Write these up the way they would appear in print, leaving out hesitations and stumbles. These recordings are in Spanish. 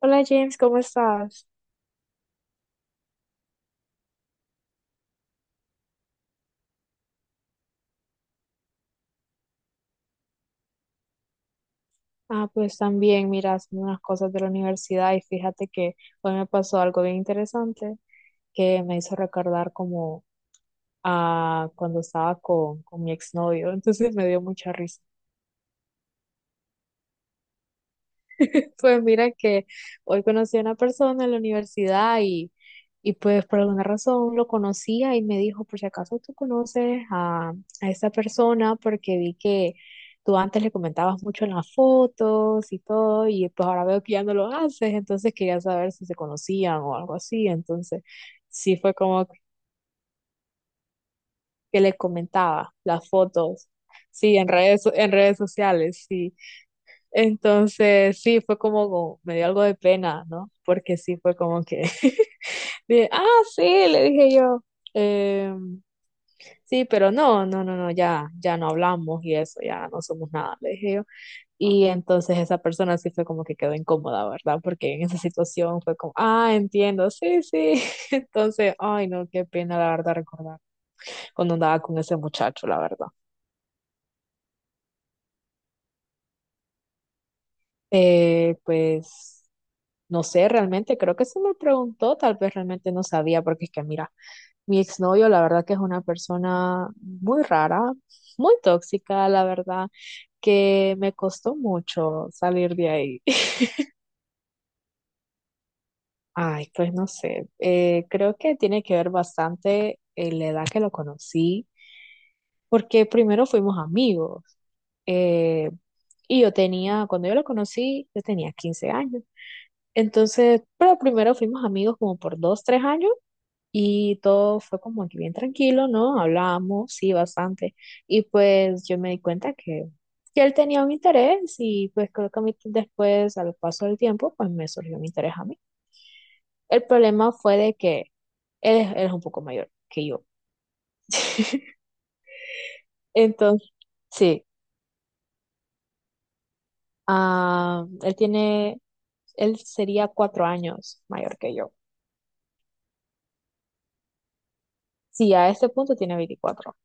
Hola James, ¿cómo estás? Ah, pues también, mira, haciendo unas cosas de la universidad y fíjate que hoy me pasó algo bien interesante que me hizo recordar como a cuando estaba con mi exnovio, entonces me dio mucha risa. Pues mira que hoy conocí a una persona en la universidad y pues por alguna razón lo conocía y me dijo, por si acaso tú conoces a esa persona porque vi que tú antes le comentabas mucho en las fotos y todo y pues ahora veo que ya no lo haces, entonces quería saber si se conocían o algo así, entonces sí fue como que le comentaba las fotos, sí, en redes sociales, sí. Entonces, sí, fue como, me dio algo de pena, ¿no? Porque sí fue como que, dije, ah, sí, le dije yo, "em, sí, pero no, no, no, no, ya, ya no hablamos y eso, ya no somos nada, le dije yo. Y entonces esa persona sí fue como que quedó incómoda, ¿verdad? Porque en esa situación fue como, ah, entiendo, sí, sí. Entonces, ay, no, qué pena, la verdad, recordar cuando andaba con ese muchacho, la verdad. Eh, pues. No sé, realmente creo que se me preguntó, tal vez realmente no sabía, porque es que mira, mi exnovio la verdad que es una persona muy rara, muy tóxica, la verdad, que me costó mucho salir de ahí. Ay, pues no sé, creo que tiene que ver bastante en la edad que lo conocí, porque primero fuimos amigos. eh, y yo tenía, cuando yo lo conocí, yo tenía 15 años. Entonces, pero primero fuimos amigos como por dos, tres años y todo fue como que bien tranquilo, ¿no? Hablábamos, sí, bastante. Y pues yo me di cuenta que él tenía un interés y pues creo que a mí después, al paso del tiempo, pues me surgió un interés a mí. El problema fue de que él es un poco mayor que yo. Entonces, sí, ah, él sería 4 años mayor que yo. Sí, a este punto tiene 24.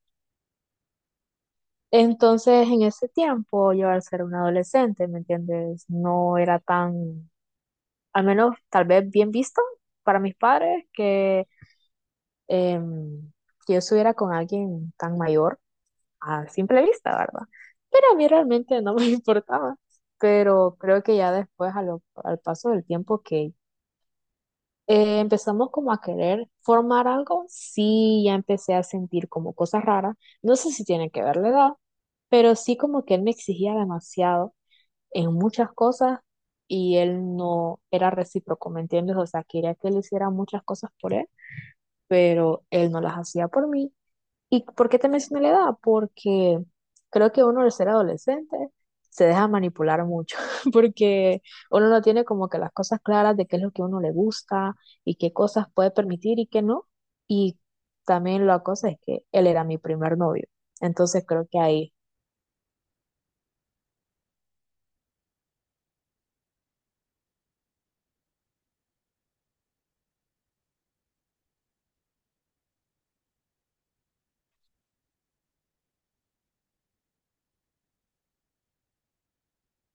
Entonces, en ese tiempo, yo al ser un adolescente, ¿me entiendes? No era tan, al menos tal vez bien visto para mis padres que, em, que yo estuviera con alguien tan mayor a simple vista, ¿verdad? Pero a mí realmente no me importaba. Pero creo que ya después, al paso del tiempo que empezamos como a querer formar algo, sí, ya empecé a sentir como cosas raras. No sé si tiene que ver la edad, pero sí como que él me exigía demasiado en muchas cosas y él no era recíproco, ¿me entiendes? O sea, quería que él hiciera muchas cosas por él, pero él no las hacía por mí. ¿Y por qué te mencioné la edad? Porque creo que uno al ser adolescente se deja manipular mucho, porque uno no tiene como que las cosas claras de qué es lo que a uno le gusta y qué cosas puede permitir y qué no. Y también la cosa es que él era mi primer novio, entonces creo que ahí,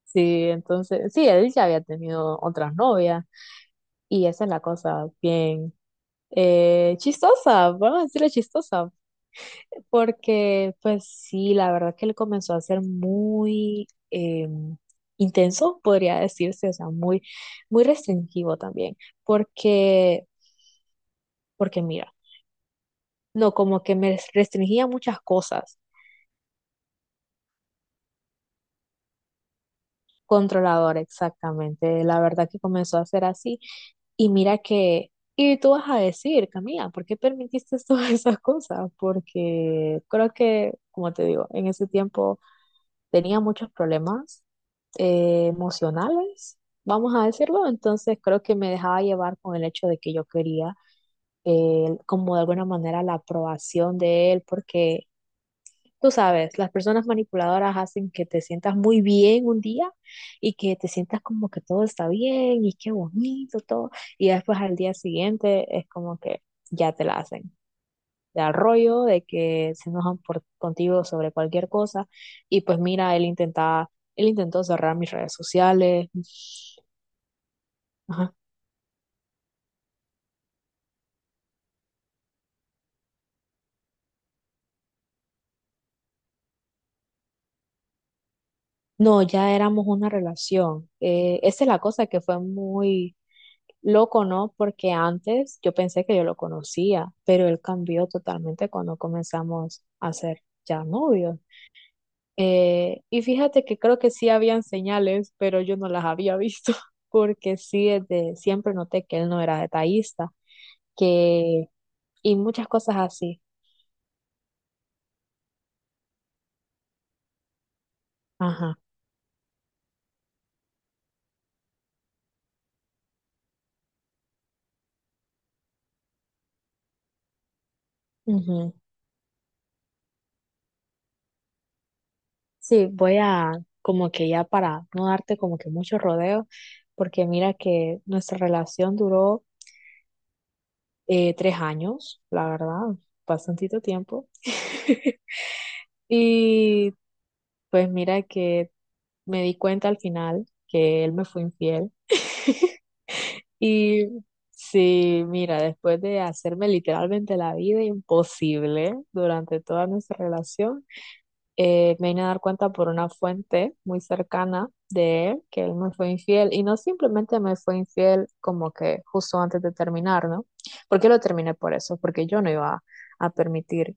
sí, entonces, sí, él ya había tenido otras novias. Y esa es la cosa bien chistosa, vamos a decirle chistosa, porque pues sí, la verdad que él comenzó a ser muy intenso, podría decirse, o sea, muy restringivo también, porque, porque mira, no, como que me restringía muchas cosas, controlador exactamente, la verdad que comenzó a ser así. Y mira que, y tú vas a decir, Camila, ¿por qué permitiste todas esas cosas? Porque creo que, como te digo, en ese tiempo tenía muchos problemas emocionales, vamos a decirlo, entonces creo que me dejaba llevar con el hecho de que yo quería como de alguna manera la aprobación de él, porque tú sabes, las personas manipuladoras hacen que te sientas muy bien un día y que te sientas como que todo está bien y qué bonito todo. Y después al día siguiente es como que ya te la hacen. De al rollo, de que se enojan contigo sobre cualquier cosa. Y pues mira, él intentó cerrar mis redes sociales. Ajá. No, ya éramos una relación. Esa es la cosa que fue muy loco, ¿no? Porque antes yo pensé que yo lo conocía, pero él cambió totalmente cuando comenzamos a ser ya novios. Y fíjate que creo que sí habían señales, pero yo no las había visto, porque sí, desde siempre noté que él no era detallista, que, y muchas cosas así. Ajá. Ujú. Sí, como que ya para no darte como que mucho rodeo, porque mira que nuestra relación duró 3 años, la verdad, bastantito tiempo. Y pues mira que me di cuenta al final que él me fue infiel. Y sí, mira, después de hacerme literalmente la vida imposible durante toda nuestra relación, me vine a dar cuenta por una fuente muy cercana de él que él me fue infiel. Y no simplemente me fue infiel como que justo antes de terminar, ¿no? Porque lo terminé por eso, porque yo no iba a permitir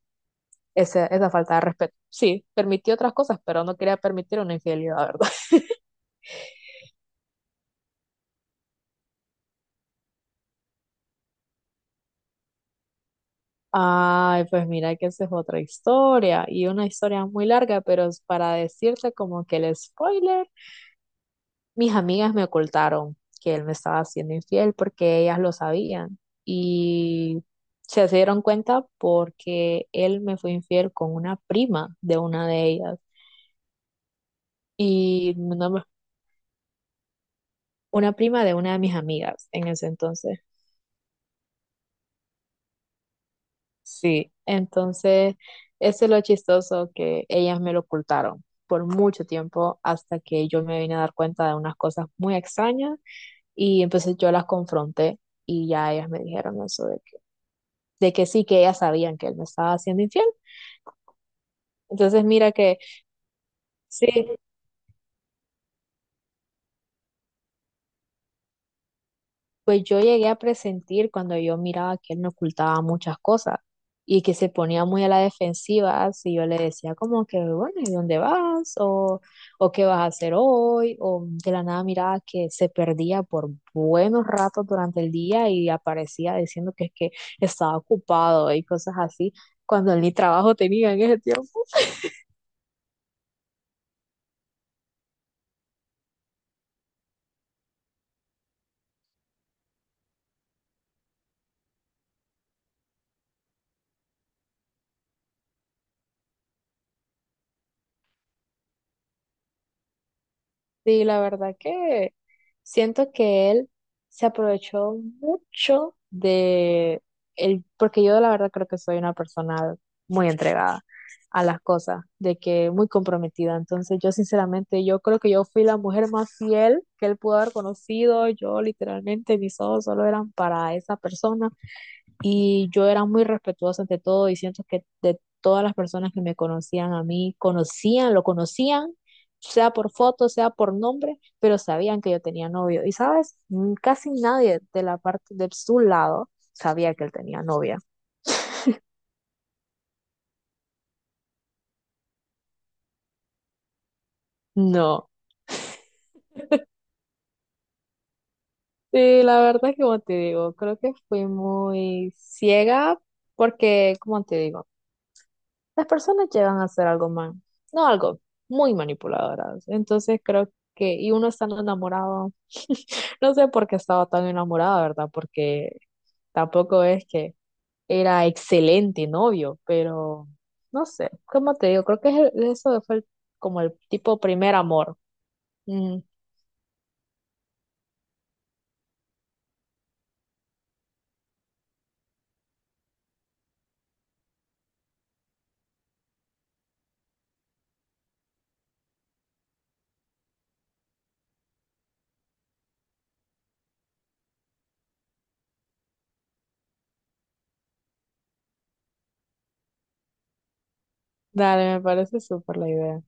esa falta de respeto. Sí, permitió otras cosas, pero no quería permitir una infidelidad, ¿verdad? Ay, pues mira que esa es otra historia y una historia muy larga, pero es para decirte como que el spoiler, mis amigas me ocultaron que él me estaba haciendo infiel porque ellas lo sabían y se dieron cuenta porque él me fue infiel con una prima de una de ellas y no me- una prima de una de mis amigas en ese entonces. Sí, entonces eso es lo chistoso que ellas me lo ocultaron por mucho tiempo hasta que yo me vine a dar cuenta de unas cosas muy extrañas y entonces yo las confronté y ya ellas me dijeron eso de de que sí, que ellas sabían que él me estaba haciendo infiel. Entonces mira que sí, pues yo llegué a presentir cuando yo miraba que él me ocultaba muchas cosas y que se ponía muy a la defensiva si yo le decía como que, bueno, ¿y dónde vas? O ¿qué vas a hacer hoy? O de la nada miraba que se perdía por buenos ratos durante el día y aparecía diciendo que es que estaba ocupado y cosas así, cuando él ni trabajo tenía en ese tiempo. Sí, la verdad que siento que él se aprovechó mucho de él, porque yo la verdad creo que soy una persona muy entregada a las cosas, de que muy comprometida. Entonces yo sinceramente, yo creo que yo fui la mujer más fiel que él pudo haber conocido. Yo literalmente mis ojos solo eran para esa persona. Y yo era muy respetuosa ante todo y siento que de todas las personas que me conocían a mí, conocían, lo conocían, sea por foto, sea por nombre, pero sabían que yo tenía novio. Y sabes, mm, casi nadie de la parte de su lado sabía que él tenía novia. No. Sí, la verdad es que como te digo, creo que fui muy ciega porque, como te digo, las personas llegan a ser algo mal, no algo, muy manipuladoras. Entonces creo que, y uno estando enamorado, no sé por qué estaba tan enamorada, ¿verdad? Porque tampoco es que era excelente novio, pero no sé, ¿cómo te digo? Creo que es eso fue como el tipo primer amor. Mm, dale, me parece súper la idea.